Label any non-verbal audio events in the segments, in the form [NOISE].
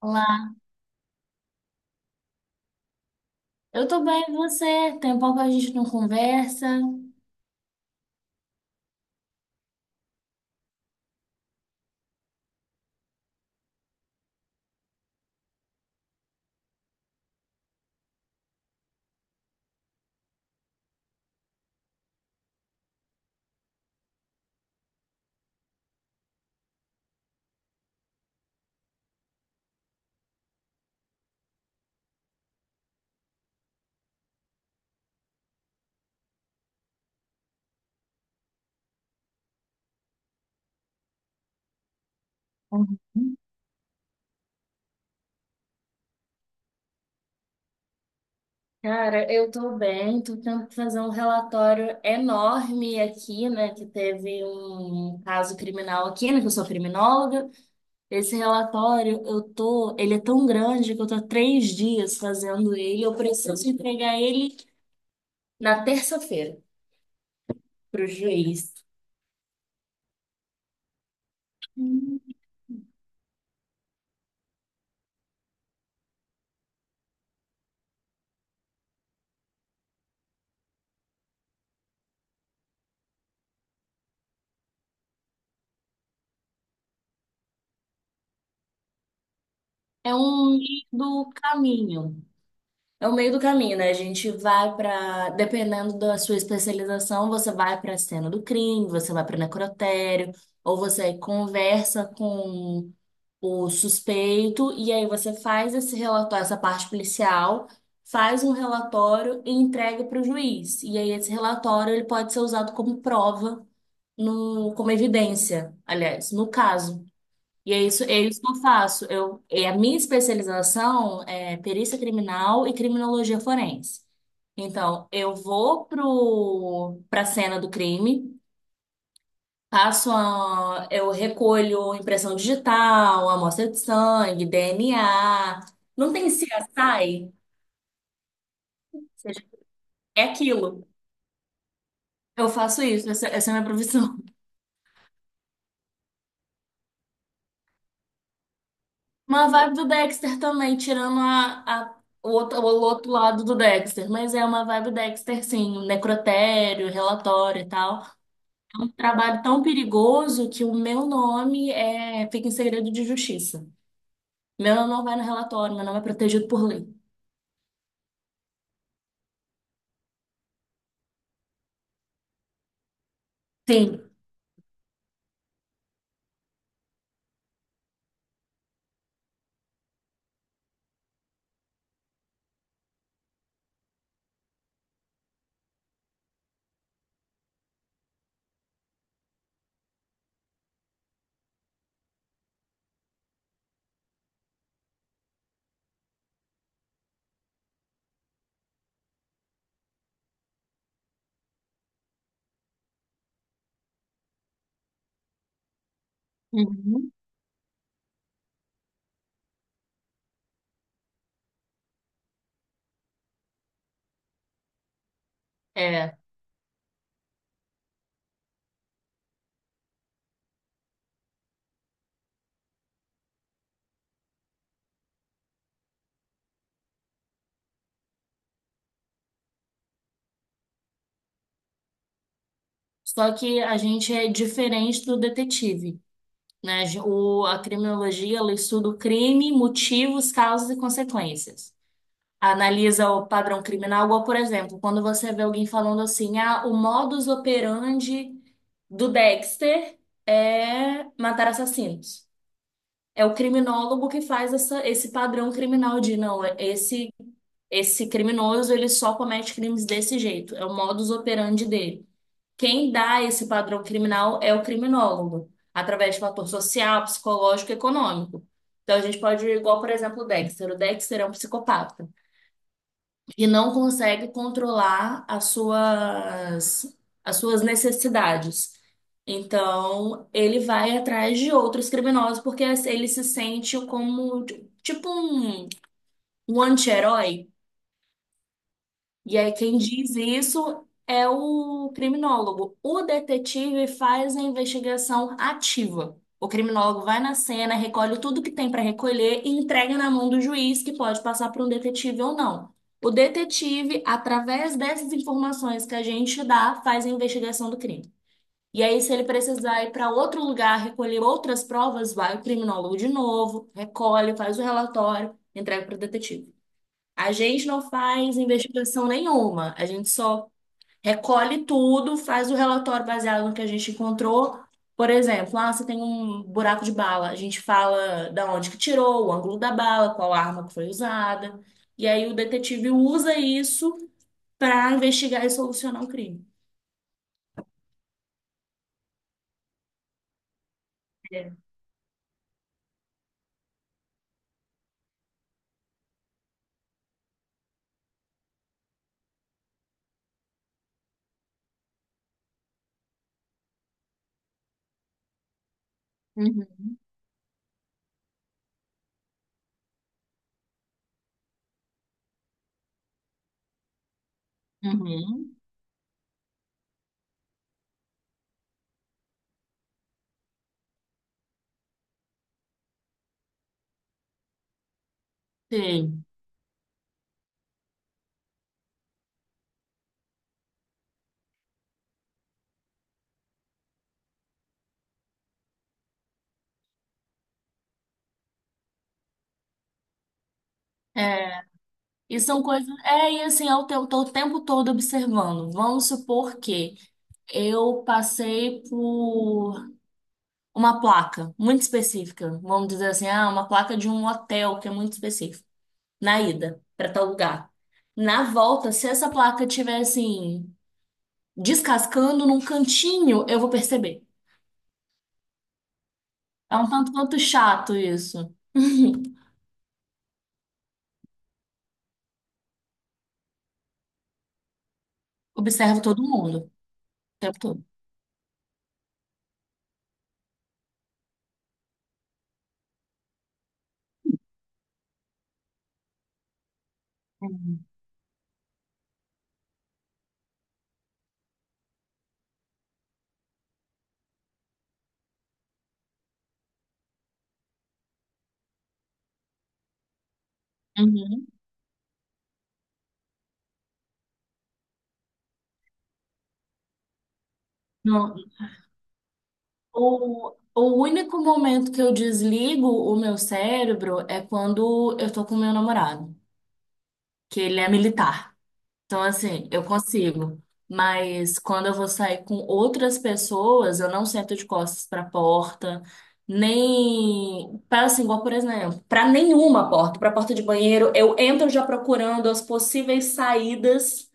Olá, eu tô bem, e você? Tem um pouco que a gente não conversa. Uhum. Cara, eu tô bem, tô tentando fazer um relatório enorme aqui, né? Que teve um caso criminal aqui, né? Que eu sou criminóloga. Esse relatório, ele é tão grande que eu tô há 3 dias fazendo ele. Eu preciso entregar ele na terça-feira pro juiz. Hum. É um meio do caminho. É o meio do caminho, né? A gente vai pra. Dependendo da sua especialização, você vai pra cena do crime, você vai pra necrotério, ou você conversa com o suspeito, e aí você faz esse relatório, essa parte policial, faz um relatório e entrega para o juiz. E aí esse relatório ele pode ser usado como prova no, como evidência, aliás, no caso. E é isso que eu faço. Eu, é a minha especialização é perícia criminal e criminologia forense. Então, eu vou para a cena do crime, eu recolho impressão digital, amostra de sangue, DNA. Não tem CSI? Ou seja, é aquilo. Eu faço isso, essa é a minha profissão. Uma vibe do Dexter também, tirando o outro lado do Dexter. Mas é uma vibe Dexter, sim. Um necrotério, relatório e tal. Um trabalho tão perigoso que o meu nome fica em segredo de justiça. Meu nome não vai no relatório, meu nome é protegido por lei. Sim. Uhum. É. Só que a gente é diferente do detetive, né? A criminologia, ela estuda o crime, motivos, causas e consequências. Analisa o padrão criminal, igual, por exemplo, quando você vê alguém falando assim, ah, o modus operandi do Dexter é matar assassinos. É o criminólogo que faz esse padrão criminal de, não, esse criminoso, ele só comete crimes desse jeito, é o modus operandi dele. Quem dá esse padrão criminal é o criminólogo, através de fator social, psicológico e econômico. Então, a gente pode ir igual, por exemplo, o Dexter. O Dexter é um psicopata e não consegue controlar as suas necessidades. Então, ele vai atrás de outros criminosos porque ele se sente como tipo um anti-herói. E aí, quem diz isso é o criminólogo. O detetive faz a investigação ativa. O criminólogo vai na cena, recolhe tudo que tem para recolher e entrega na mão do juiz, que pode passar para um detetive ou não. O detetive, através dessas informações que a gente dá, faz a investigação do crime. E aí, se ele precisar ir para outro lugar recolher outras provas, vai o criminólogo de novo, recolhe, faz o relatório, entrega para o detetive. A gente não faz investigação nenhuma, a gente só recolhe tudo, faz o relatório baseado no que a gente encontrou. Por exemplo, ah, você tem um buraco de bala, a gente fala da onde que tirou, o ângulo da bala, qual arma que foi usada, e aí o detetive usa isso para investigar e solucionar o crime. É. Uhum. Uhum. Sim. É, e são coisas. É, e assim, eu estou o tempo todo observando. Vamos supor que eu passei por uma placa muito específica. Vamos dizer assim, ah, uma placa de um hotel que é muito específico. Na ida, para tal lugar. Na volta, se essa placa estiver assim, descascando num cantinho, eu vou perceber. É um tanto quanto chato isso. [LAUGHS] Observo todo mundo, o tempo todo. Uhum. Uhum. Não, o único momento que eu desligo o meu cérebro é quando eu tô com meu namorado, que ele é militar. Então, assim, eu consigo. Mas quando eu vou sair com outras pessoas, eu não sento de costas para a porta, nem para assim, igual, por exemplo, para nenhuma porta, para a porta de banheiro, eu entro já procurando as possíveis saídas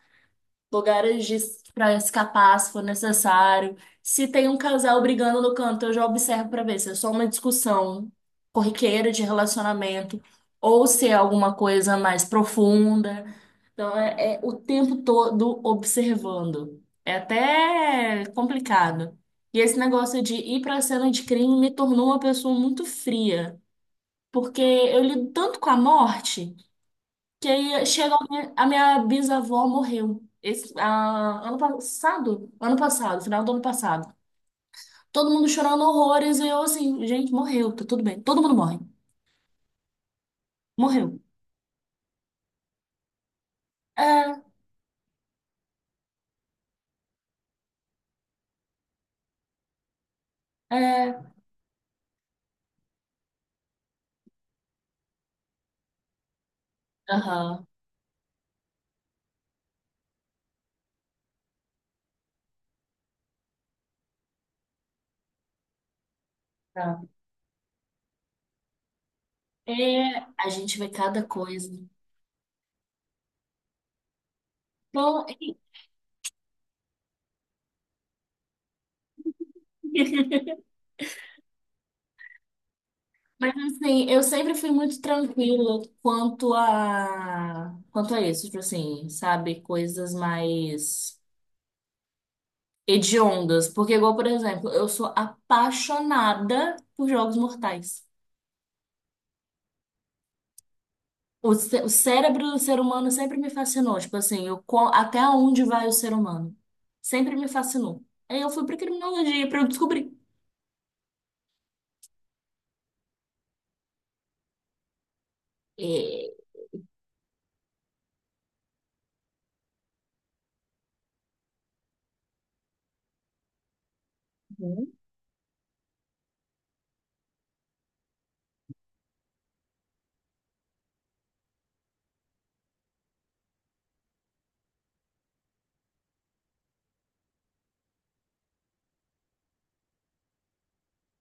lugares de para escapar se for necessário. Se tem um casal brigando no canto, eu já observo para ver se é só uma discussão corriqueira de relacionamento ou se é alguma coisa mais profunda. Então é o tempo todo observando. É até complicado. E esse negócio de ir para a cena de crime me tornou uma pessoa muito fria, porque eu lido tanto com a morte. Que aí chega alguém, a minha bisavó morreu. Ano passado? Ano passado, final do ano passado. Todo mundo chorando horrores e eu assim, gente, morreu, tá tudo bem. Todo mundo morre. Morreu. É, é. Aham, tá. É, a gente vê cada coisa. Então, [LAUGHS] mas assim, eu sempre fui muito tranquila quanto a isso, tipo assim, sabe, coisas mais hediondas. Porque, igual, por exemplo, eu sou apaixonada por jogos mortais. O cérebro do ser humano sempre me fascinou. Tipo assim, até onde vai o ser humano? Sempre me fascinou. Aí eu fui pra criminologia pra eu descobrir. E,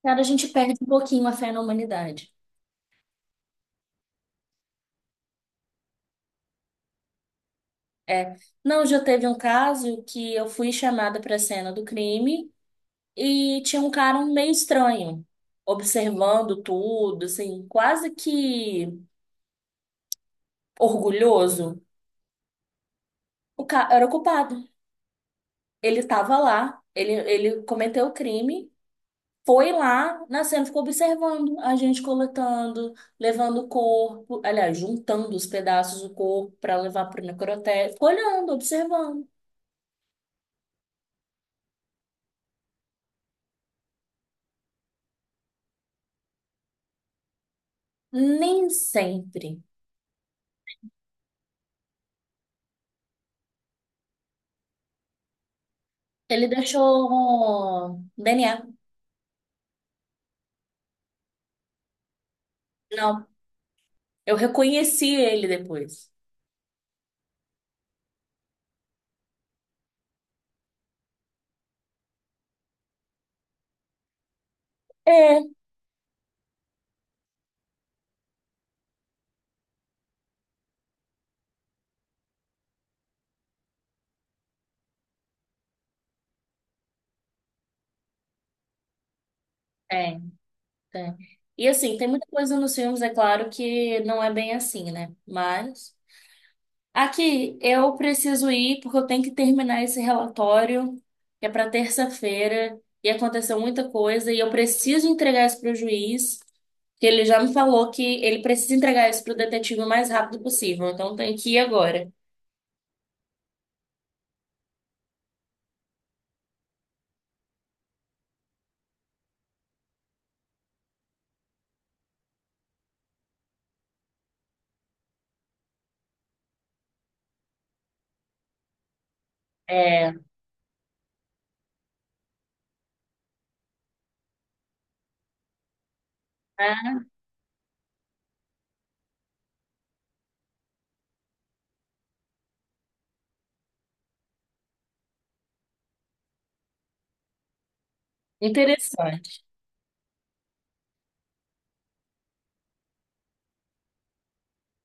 cara, a gente perde um pouquinho a fé na humanidade. É. Não, já teve um caso que eu fui chamada para a cena do crime e tinha um cara meio estranho, observando tudo, assim, quase que orgulhoso. O cara era o culpado. Ele estava lá, ele cometeu o crime, foi lá, na cena ficou observando a gente coletando, levando o corpo, aliás, juntando os pedaços do corpo para levar para o necrotério. Ficou olhando, observando. Nem sempre. Ele deixou DNA. Não, eu reconheci ele depois. É, é, é. E assim, tem muita coisa nos filmes, é claro, que não é bem assim, né? Mas. Aqui, eu preciso ir porque eu tenho que terminar esse relatório, que é para terça-feira, e aconteceu muita coisa, e eu preciso entregar isso para o juiz, que ele já me falou que ele precisa entregar isso para o detetive o mais rápido possível, então eu tenho que ir agora. É, ah, interessante.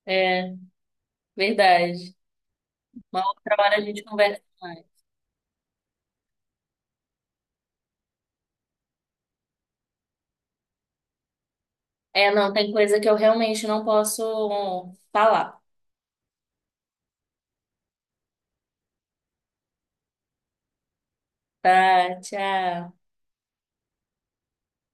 É, verdade. Uma outra hora a gente conversa mais. É, não, tem coisa que eu realmente não posso falar. Tá, tchau.